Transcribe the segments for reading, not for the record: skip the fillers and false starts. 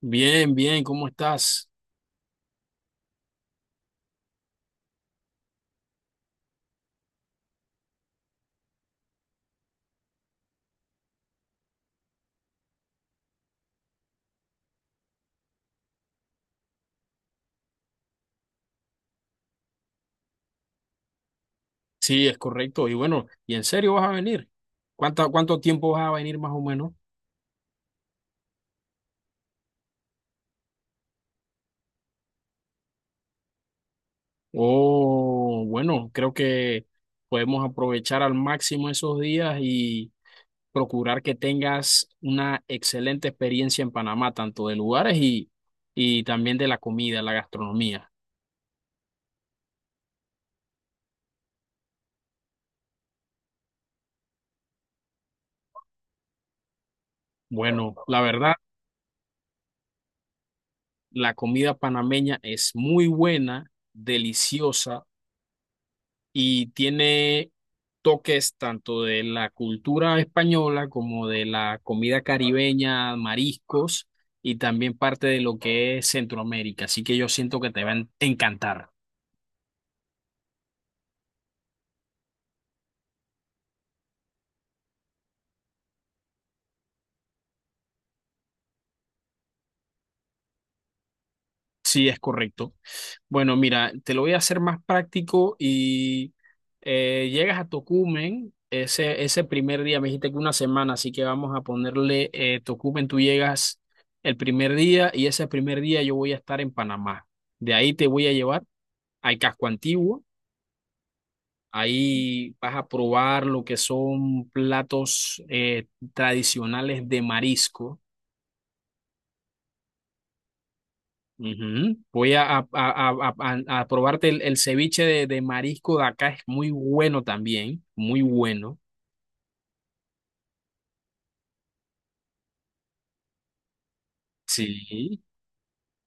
Bien, bien, ¿cómo estás? Sí, es correcto. Y bueno, ¿y en serio vas a venir? ¿Cuánto tiempo vas a venir más o menos? Oh, bueno, creo que podemos aprovechar al máximo esos días y procurar que tengas una excelente experiencia en Panamá, tanto de lugares y también de la comida, la gastronomía. Bueno, la verdad, la comida panameña es muy buena, deliciosa y tiene toques tanto de la cultura española como de la comida caribeña, mariscos y también parte de lo que es Centroamérica. Así que yo siento que te va a encantar. Sí, es correcto. Bueno, mira, te lo voy a hacer más práctico y llegas a Tocumen. Ese primer día, me dijiste que una semana, así que vamos a ponerle Tocumen, tú llegas el primer día y ese primer día yo voy a estar en Panamá. De ahí te voy a llevar, hay casco antiguo, ahí vas a probar lo que son platos tradicionales de marisco. Ujú. Voy a, probarte el ceviche de marisco de acá, es muy bueno también, muy bueno. Sí,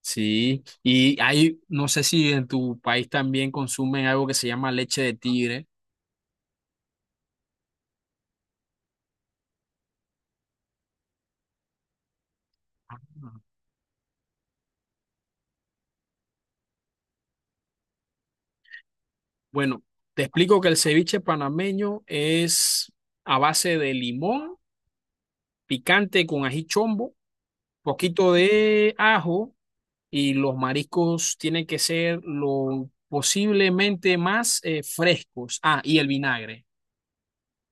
sí. Y hay, no sé si en tu país también consumen algo que se llama leche de tigre. Bueno, te explico que el ceviche panameño es a base de limón picante con ají chombo, poquito de ajo y los mariscos tienen que ser lo posiblemente más frescos. Ah, y el vinagre.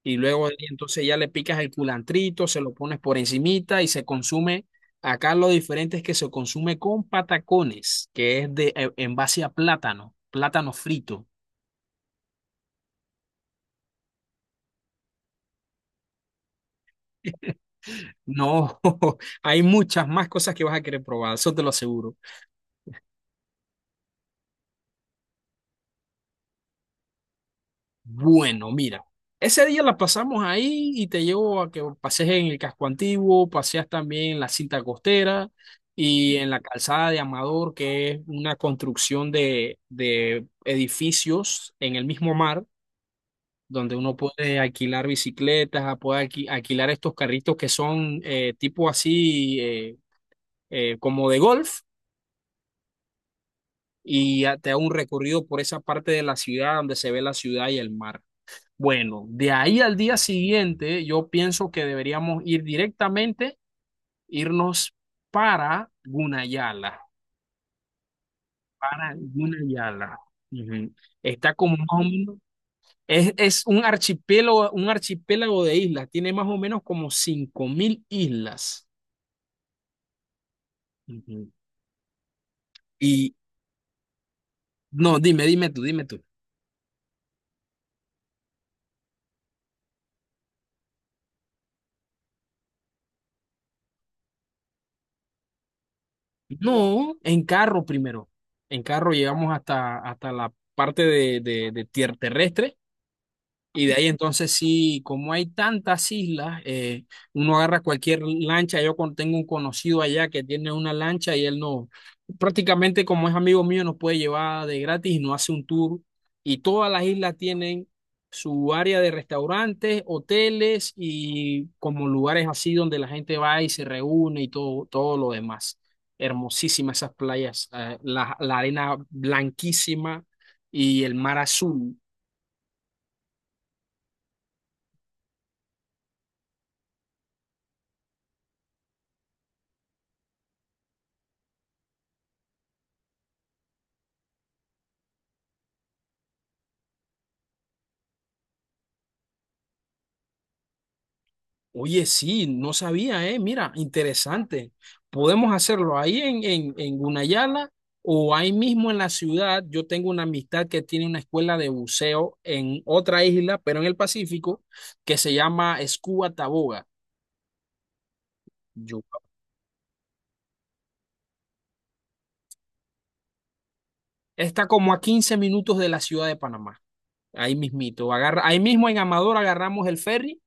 Y luego de ahí, entonces ya le picas el culantrito, se lo pones por encimita y se consume. Acá lo diferente es que se consume con patacones, que es de en base a plátano, plátano frito. No, hay muchas más cosas que vas a querer probar, eso te lo aseguro. Bueno, mira, ese día la pasamos ahí y te llevo a que pasees en el casco antiguo, paseas también en la cinta costera y en la calzada de Amador, que es una construcción de edificios en el mismo mar, donde uno puede alquilar bicicletas, puede alquilar estos carritos que son tipo así como de golf, y ya te da un recorrido por esa parte de la ciudad donde se ve la ciudad y el mar. Bueno, de ahí al día siguiente, yo pienso que deberíamos ir directamente, irnos para Gunayala, para Gunayala. Ujú. Está como más o menos, es un archipiélago de islas, tiene más o menos como 5.000 islas. Ujú. Y no, dime tú, dime tú. No, en carro primero. En carro llegamos hasta, hasta la parte de tierra terrestre. Y de ahí entonces sí, como hay tantas islas, uno agarra cualquier lancha. Yo tengo un conocido allá que tiene una lancha y él no, prácticamente como es amigo mío, nos puede llevar de gratis y nos hace un tour. Y todas las islas tienen su área de restaurantes, hoteles y como lugares así donde la gente va y se reúne y todo, todo lo demás. Hermosísimas esas playas, la arena blanquísima y el mar azul. Oye, sí, no sabía, ¿eh? Mira, interesante. Podemos hacerlo ahí en Gunayala o ahí mismo en la ciudad. Yo tengo una amistad que tiene una escuela de buceo en otra isla, pero en el Pacífico, que se llama Scuba Taboga. Yo, está como a 15 minutos de la ciudad de Panamá, ahí mismito. Agarra, ahí mismo en Amador agarramos el ferry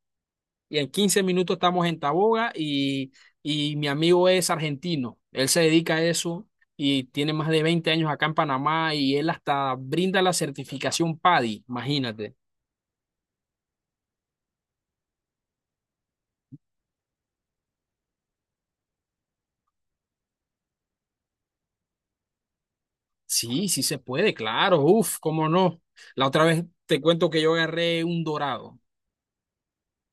y en 15 minutos estamos en Taboga y mi amigo es argentino, él se dedica a eso y tiene más de 20 años acá en Panamá y él hasta brinda la certificación PADI, imagínate. Sí, sí se puede, claro, uf, cómo no. La otra vez te cuento que yo agarré un dorado.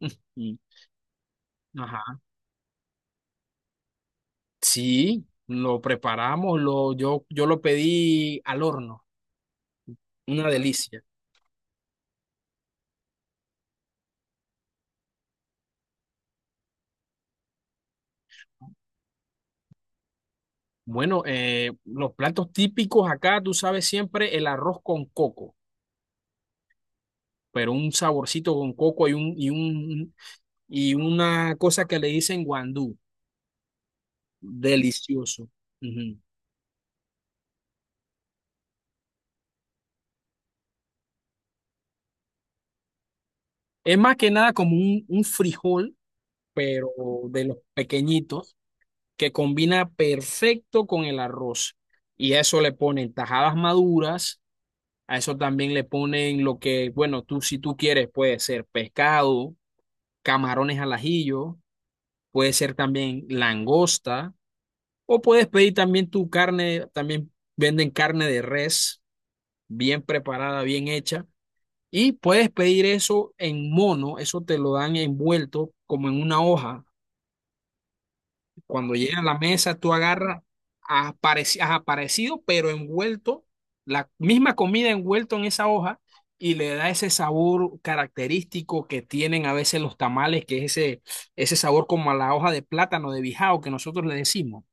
Y- Ajá. Sí, lo preparamos, lo, yo lo pedí al horno, una delicia. Bueno, los platos típicos acá, tú sabes siempre, el arroz con coco, pero un saborcito con coco un, y una cosa que le dicen guandú. Delicioso. Ujú. Es más que nada como un frijol, pero de los pequeñitos, que combina perfecto con el arroz. Y a eso le ponen tajadas maduras, a eso también le ponen lo que, bueno, tú si tú quieres puede ser pescado, camarones al ajillo, puede ser también langosta, o puedes pedir también tu carne, también venden carne de res, bien preparada, bien hecha. Y puedes pedir eso en mono, eso te lo dan envuelto como en una hoja. Cuando llega a la mesa, tú agarras, has aparecido, pero envuelto, la misma comida envuelto en esa hoja y le da ese sabor característico que tienen a veces los tamales, que es ese, ese sabor como a la hoja de plátano de bijao que nosotros le decimos.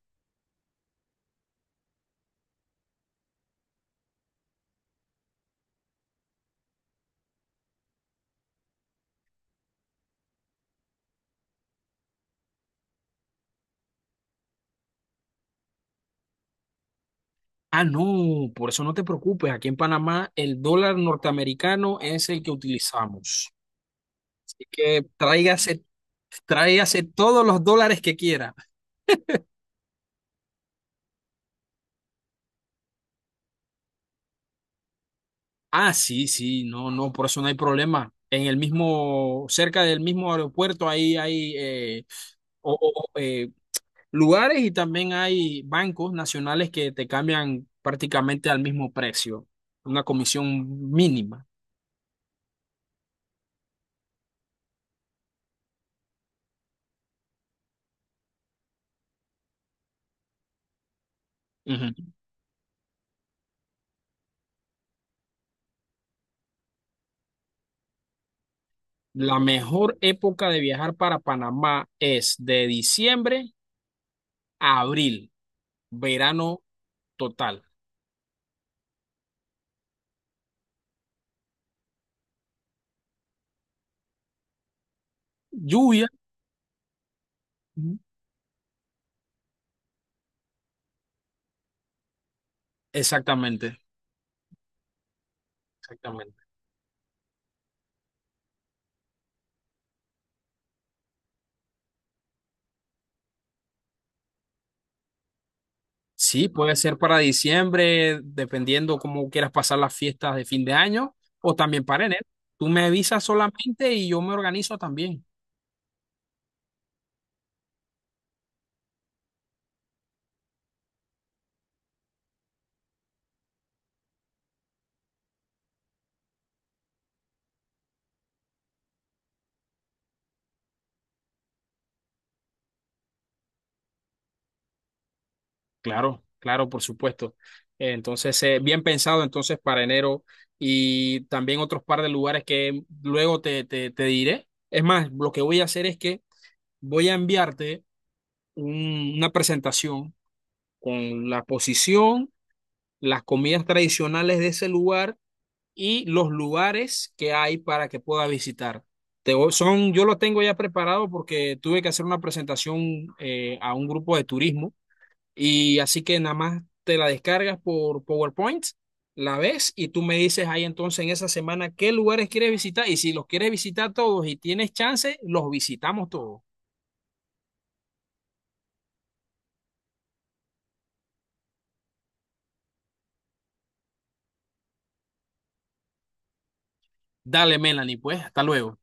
Ah, no, por eso no te preocupes. Aquí en Panamá el dólar norteamericano es el que utilizamos. Así que tráigase, tráigase todos los dólares que quiera. Ah, sí, sí, no, no, por eso no hay problema. En el mismo, cerca del mismo aeropuerto, ahí hay o- o- o, eh, lugares y también hay bancos nacionales que te cambian prácticamente al mismo precio, una comisión mínima. Ujú. La mejor época de viajar para Panamá es de diciembre a abril, verano total. Lluvia. Ujú. Exactamente, exactamente. Sí, puede ser para diciembre, dependiendo cómo quieras pasar las fiestas de fin de año, o también para enero. Tú me avisas solamente y yo me organizo también. Claro, claro, por supuesto. Entonces, bien pensado entonces para enero y también otros par de lugares que luego te diré. Es más, lo que voy a hacer es que voy a enviarte una presentación con la posición, las comidas tradicionales de ese lugar y los lugares que hay para que puedas visitar. Son, yo lo tengo ya preparado porque tuve que hacer una presentación a un grupo de turismo y así que nada más te la descargas por PowerPoint, la ves y tú me dices ahí entonces en esa semana qué lugares quieres visitar y si los quieres visitar todos y tienes chance, los visitamos todos. Dale, Melanie, pues, hasta luego.